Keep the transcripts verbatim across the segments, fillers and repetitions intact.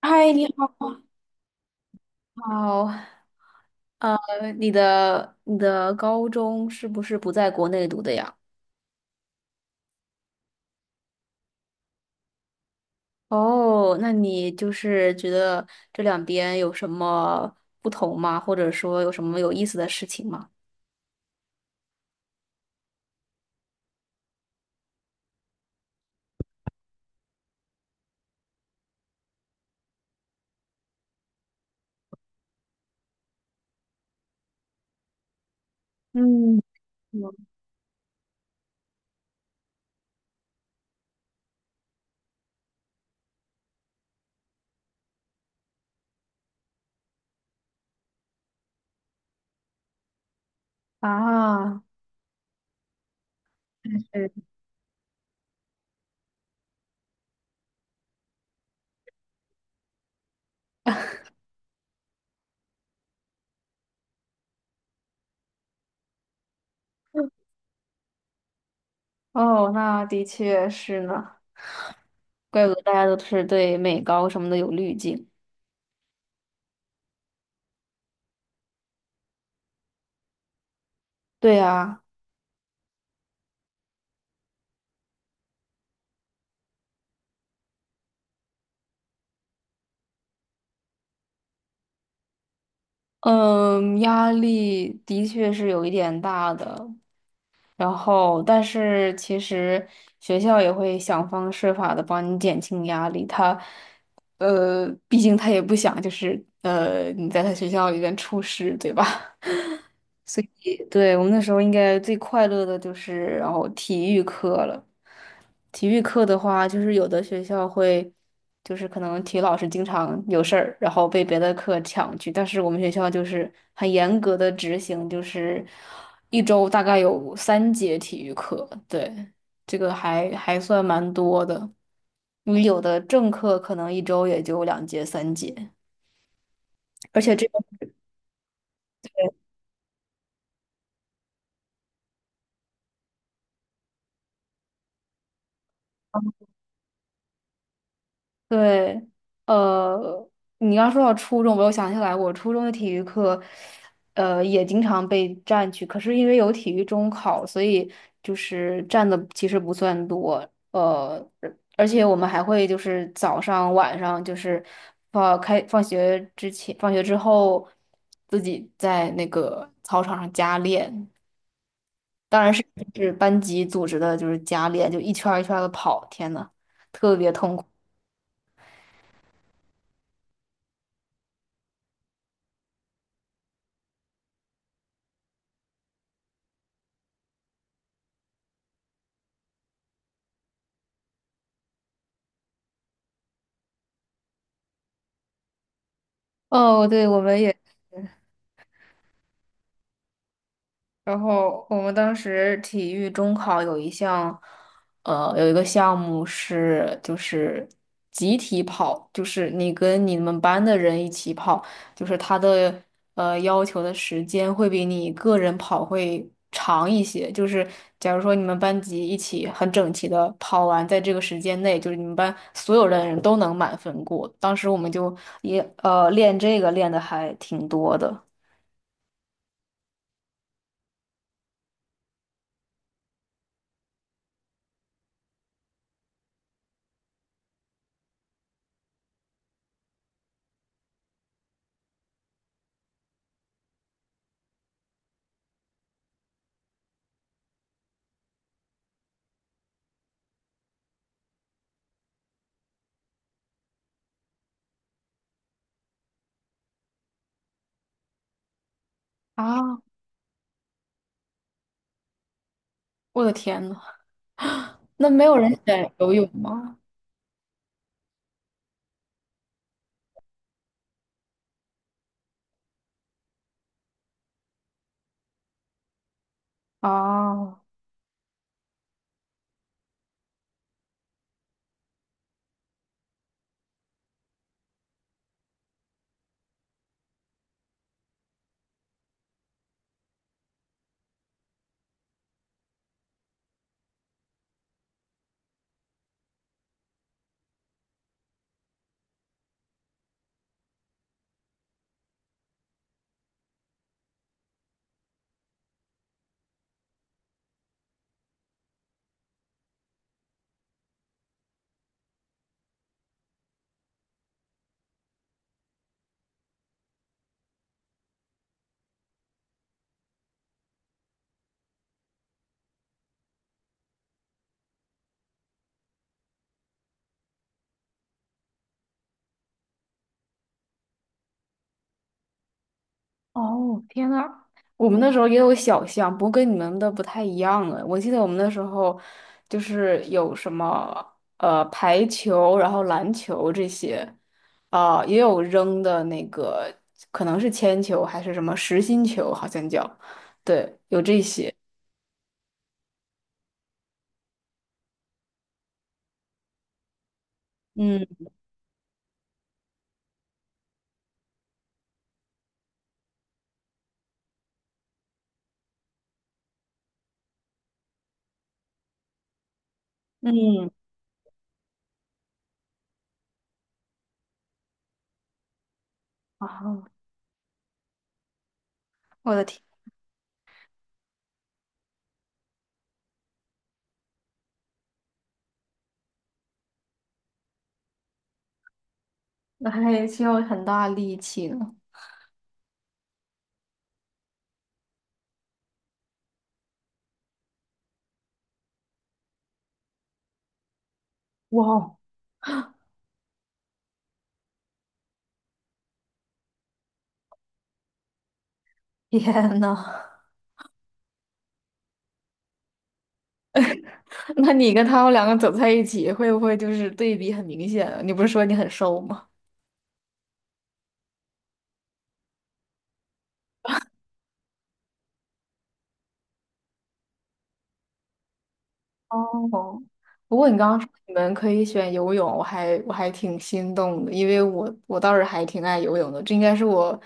嗨，你好。好。呃，你的你的高中是不是不在国内读的呀？哦，那你就是觉得这两边有什么不同吗？或者说有什么有意思的事情吗？嗯，有啊，是。哦，那的确是呢，怪不得大家都是对美高什么的有滤镜。对啊。嗯，压力的确是有一点大的，然后，但是其实学校也会想方设法的帮你减轻压力。他，呃，毕竟他也不想就是呃你在他学校里边出事，对吧？对，我们那时候应该最快乐的就是然后体育课了。体育课的话，就是有的学校会，就是可能体育老师经常有事儿，然后被别的课抢去。但是我们学校就是很严格的执行，就是一周大概有三节体育课。对，这个还还算蛮多的。因为有的正课可能一周也就两节、三节，而且这。对。呃，你刚说到初中，我又想起来，我初中的体育课，呃，也经常被占去。可是因为有体育中考，所以就是占的其实不算多。呃，而且我们还会就是早上、晚上，就是放开放学之前、放学之后，自己在那个操场上加练。当然是是班级组织的，就是加练，就一圈儿一圈的跑。天呐，特别痛苦。哦，对，我们也。然后我们当时体育中考有一项，呃，有一个项目是就是集体跑，就是你跟你们班的人一起跑，就是他的呃要求的时间会比你个人跑会长一些。就是假如说你们班级一起很整齐的跑完，在这个时间内，就是你们班所有的人都能满分过。当时我们就也呃练这个练的还挺多的。啊，我的天呐！那没有人选游泳吗？哦。哦，天呐，我们那时候也有小项，不过跟你们的不太一样了。我记得我们那时候就是有什么呃排球，然后篮球这些，啊、也有扔的那个，可能是铅球还是什么实心球，好像叫，对，有这些。嗯嗯。啊，我的天。那还需要很大力气呢。哇哦，天呐！那你跟他们两个走在一起，会不会就是对比很明显啊？你不是说你很瘦吗？哦，不过你刚刚说你们可以选游泳，我还我还挺心动的，因为我我倒是还挺爱游泳的，这应该是我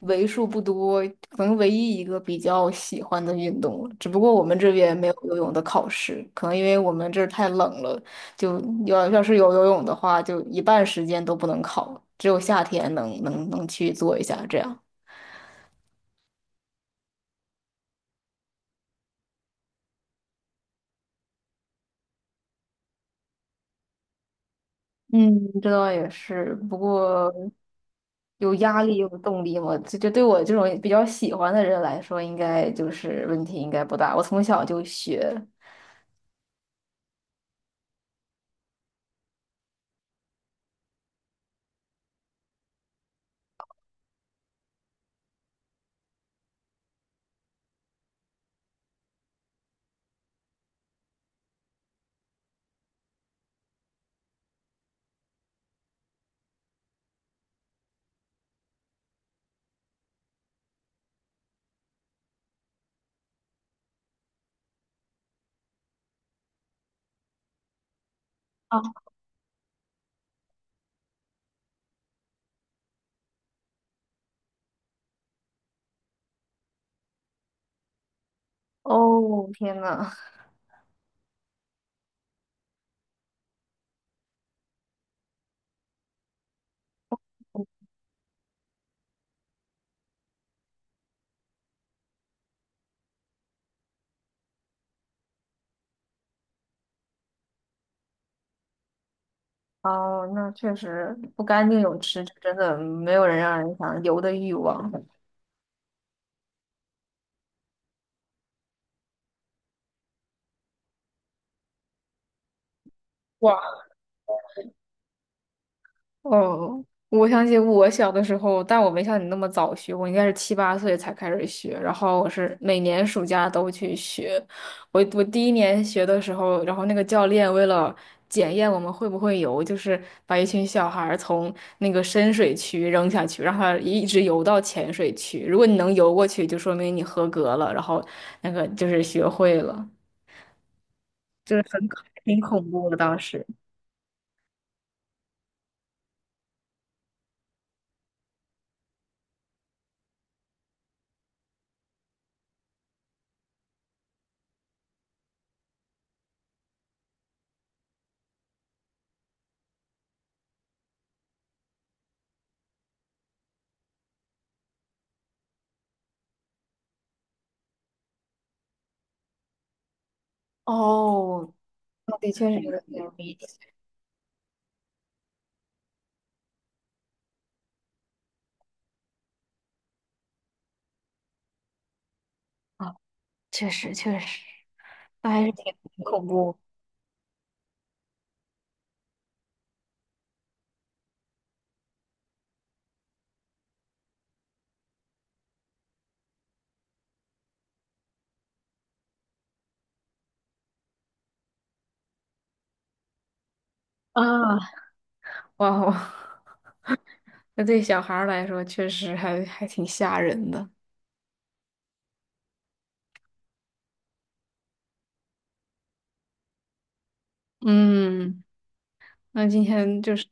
为数不多，可能唯一一个比较喜欢的运动了。只不过我们这边没有游泳的考试，可能因为我们这儿太冷了，就要要是有游泳的话，就一半时间都不能考，只有夏天能能能去做一下这样。嗯，这倒也是，不过有压力有动力嘛，这这对我这种比较喜欢的人来说，应该就是问题应该不大。我从小就学。哦，天呐。哦，那确实不干净泳池，真的没有人让人想游的欲望。哇。哦，我想起我小的时候，但我没像你那么早学，我应该是七八岁才开始学，然后我是每年暑假都去学。我我第一年学的时候，然后那个教练为了检验我们会不会游，就是把一群小孩儿从那个深水区扔下去，让他一直游到浅水区。如果你能游过去，就说明你合格了，然后那个就是学会了，就是很挺恐怖的当时。哦，的确是。确实。那还是挺挺恐怖。啊。哇哦，那对小孩儿来说确实还还挺吓人的。嗯，那今天就是，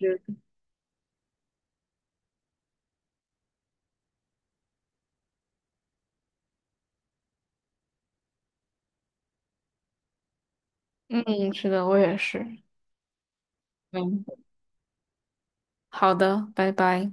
嗯，是的，我也是。嗯。好的，拜拜。